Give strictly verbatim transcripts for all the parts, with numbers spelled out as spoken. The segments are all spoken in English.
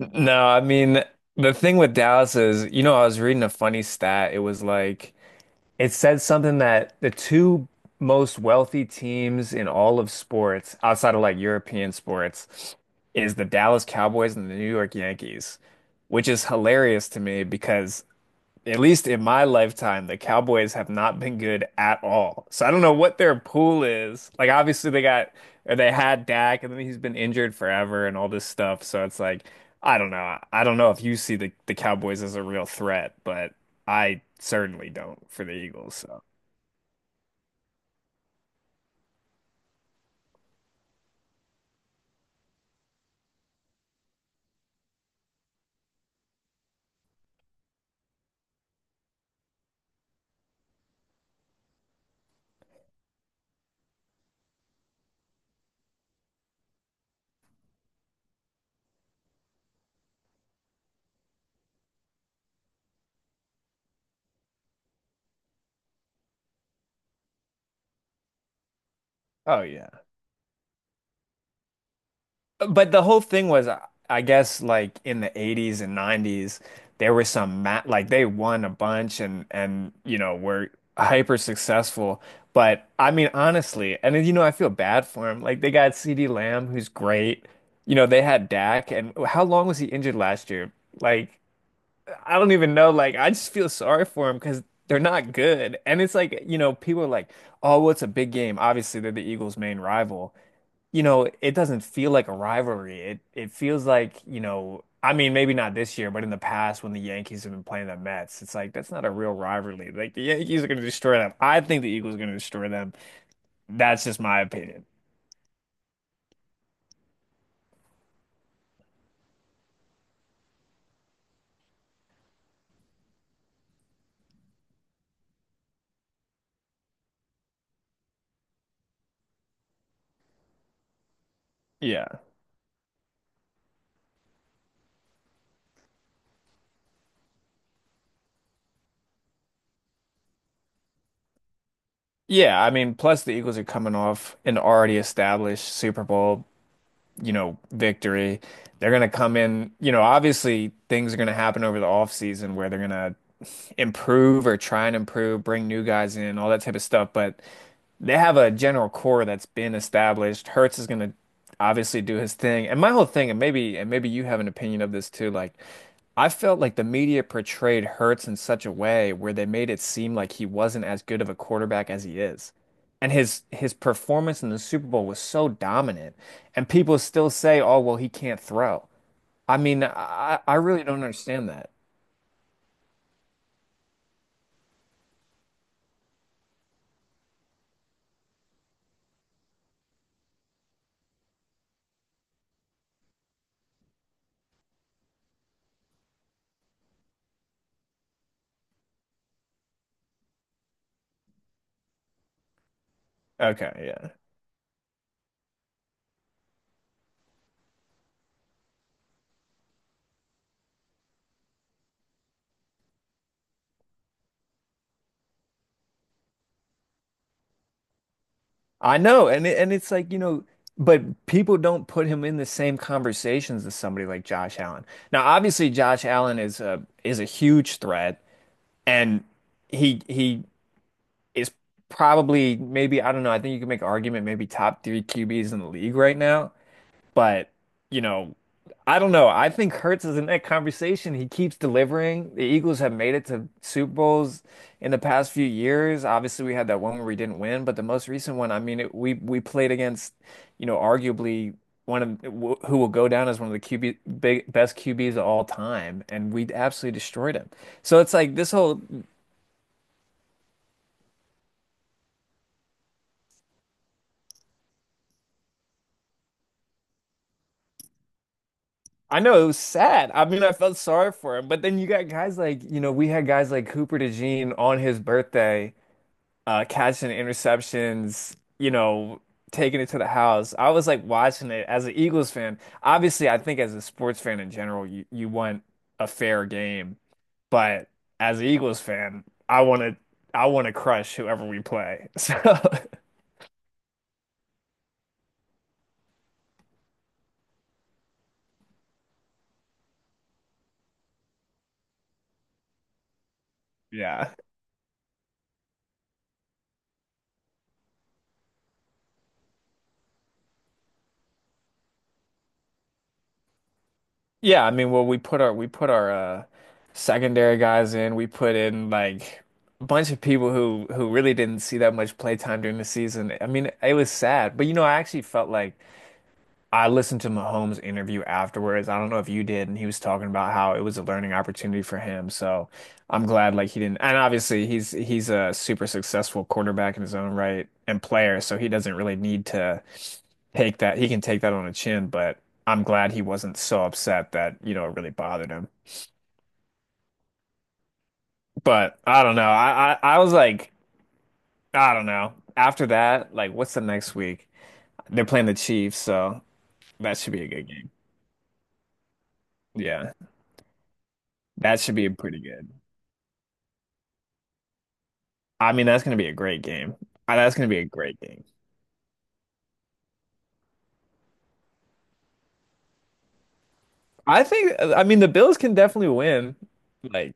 No, I mean, the thing with Dallas is, you know, I was reading a funny stat. It was like, it said something that the two most wealthy teams in all of sports, outside of like European sports, is the Dallas Cowboys and the New York Yankees, which is hilarious to me because at least in my lifetime, the Cowboys have not been good at all. So I don't know what their pool is. Like obviously they got or they had Dak and then he's been injured forever and all this stuff. So it's like I don't know. I don't know if you see the, the Cowboys as a real threat, but I certainly don't for the Eagles. So, oh yeah. But the whole thing was, uh, I guess, like in the eighties and nineties, there were some ma like they won a bunch and and you know were hyper successful. But I mean, honestly, and then, you know, I feel bad for him. Like they got CeeDee Lamb, who's great. You know, they had Dak, and how long was he injured last year? Like I don't even know. Like I just feel sorry for him because they're not good. And it's like you know, people are like, oh, well, it's a big game. Obviously, they're the Eagles' main rival you know, It doesn't feel like a rivalry. It it feels like, you know, I mean, maybe not this year, but in the past when the Yankees have been playing the Mets, it's like that's not a real rivalry. Like the Yankees are going to destroy them. I think the Eagles are going to destroy them. That's just my opinion. Yeah. Yeah, I mean, plus the Eagles are coming off an already established Super Bowl, you know, victory. They're going to come in, you know, obviously things are going to happen over the offseason where they're going to improve or try and improve, bring new guys in, all that type of stuff, but they have a general core that's been established. Hertz is going to obviously do his thing. And my whole thing, and maybe and maybe you have an opinion of this too, like I felt like the media portrayed Hertz in such a way where they made it seem like he wasn't as good of a quarterback as he is. And his his performance in the Super Bowl was so dominant, and people still say, "Oh, well, he can't throw." I mean, I I really don't understand that. Okay, I know, and it, and it's like, you know, but people don't put him in the same conversations as somebody like Josh Allen. Now, obviously, Josh Allen is a is a huge threat, and he he is probably maybe I don't know. I think you can make argument maybe top three Q Bs in the league right now. But, you know, I don't know. I think Hurts is in that conversation. He keeps delivering. The Eagles have made it to Super Bowls in the past few years. Obviously, we had that one where we didn't win, but the most recent one, I mean, it, we we played against, you know, arguably one of w- who will go down as one of the QB big, best Q Bs of all time, and we absolutely destroyed him. So it's like this whole. I know it was sad. I mean, I felt sorry for him, but then you got guys like, you know, we had guys like Cooper DeJean on his birthday, uh, catching interceptions, you know, taking it to the house. I was like watching it as an Eagles fan. Obviously, I think as a sports fan in general, you, you want a fair game, but as an Eagles fan, I want to I want to crush whoever we play. So, yeah. Yeah, I mean, well, we put our we put our uh secondary guys in. We put in like a bunch of people who who really didn't see that much play time during the season. I mean, it was sad, but you know, I actually felt like I listened to Mahomes' interview afterwards. I don't know if you did, and he was talking about how it was a learning opportunity for him. So I'm glad like he didn't. And obviously he's he's a super successful quarterback in his own right and player, so he doesn't really need to take that. He can take that on the chin, but I'm glad he wasn't so upset that, you know, it really bothered him. But I don't know. I I, I was like, I don't know. After that, like what's the next week? They're playing the Chiefs, so that should be a good game. Yeah. That should be pretty good. I mean, that's going to be a great game. Uh, That's going to be a great game. I think, uh, I mean, the Bills can definitely win. Like,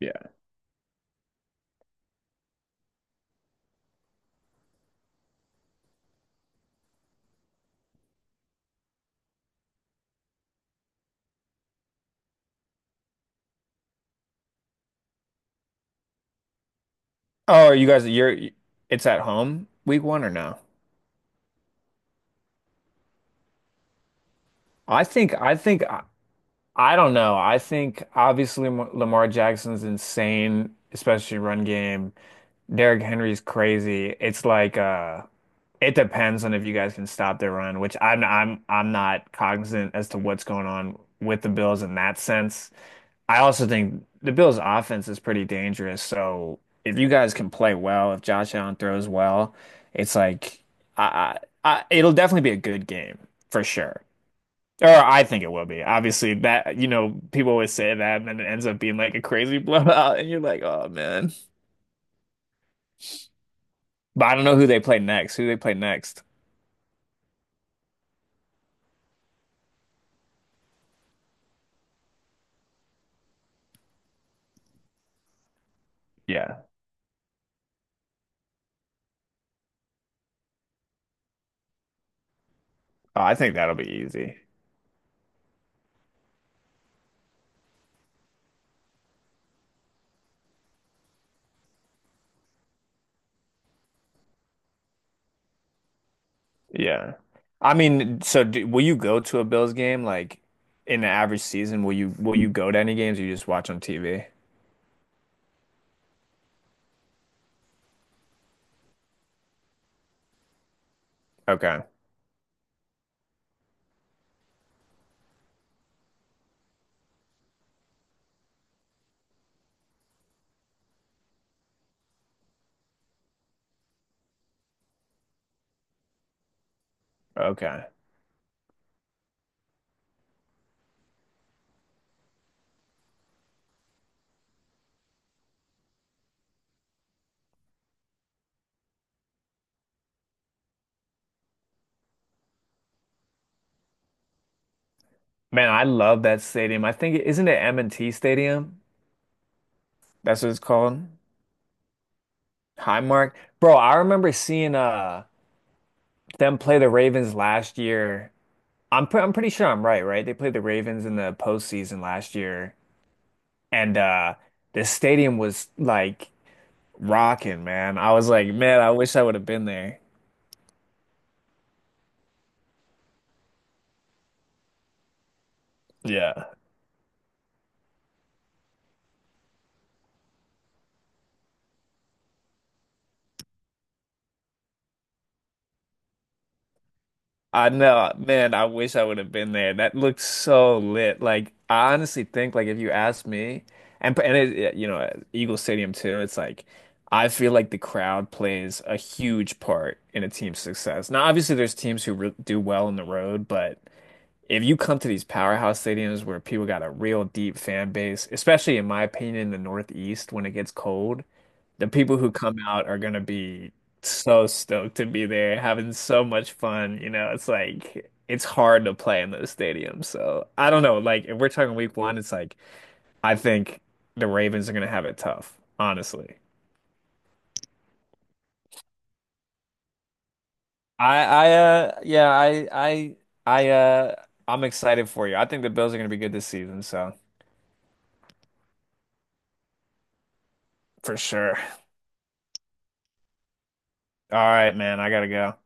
yeah. Oh, are you guys, you're, it's at home week one or no? I think, I think, I, I don't know. I think obviously Lam- Lamar Jackson's insane, especially run game. Derrick Henry's crazy. It's like, uh, it depends on if you guys can stop their run, which I'm, I'm, I'm not cognizant as to what's going on with the Bills in that sense. I also think the Bills' offense is pretty dangerous. So if you guys can play well, if Josh Allen throws well, it's like I, I, I it'll definitely be a good game for sure. Or I think it will be. Obviously, that you know people always say that, and then it ends up being like a crazy blowout, and you're like, oh man. But I don't know who they play next. Who they play next? Yeah, oh, I think that'll be easy. Yeah. I mean, so do, will you go to a Bills game like in the average season? Will you will you go to any games or you just watch on T V? Okay. Okay. Man, I love that stadium. I think isn't it M and T Stadium? That's what it's called. Highmark. Bro, I remember seeing uh them play the Ravens last year. I'm pre I'm pretty sure I'm right, right? They played the Ravens in the postseason last year and uh the stadium was like rocking, man. I was like, man, I wish I would have been there. Yeah. I know, man, I wish I would have been there. That looked so lit. Like I honestly think like if you ask me and and it, you know, Eagle Stadium too, it's like I feel like the crowd plays a huge part in a team's success. Now, obviously there's teams who re do well on the road, but if you come to these powerhouse stadiums where people got a real deep fan base, especially in my opinion, in the Northeast when it gets cold, the people who come out are gonna be so stoked to be there, having so much fun. You know, it's like it's hard to play in those stadiums. So I don't know. Like if we're talking week one, it's like I think the Ravens are gonna have it tough, honestly. I I uh yeah, I I I uh I'm excited for you. I think the Bills are gonna be good this season, so for sure. All right, man, I gotta go.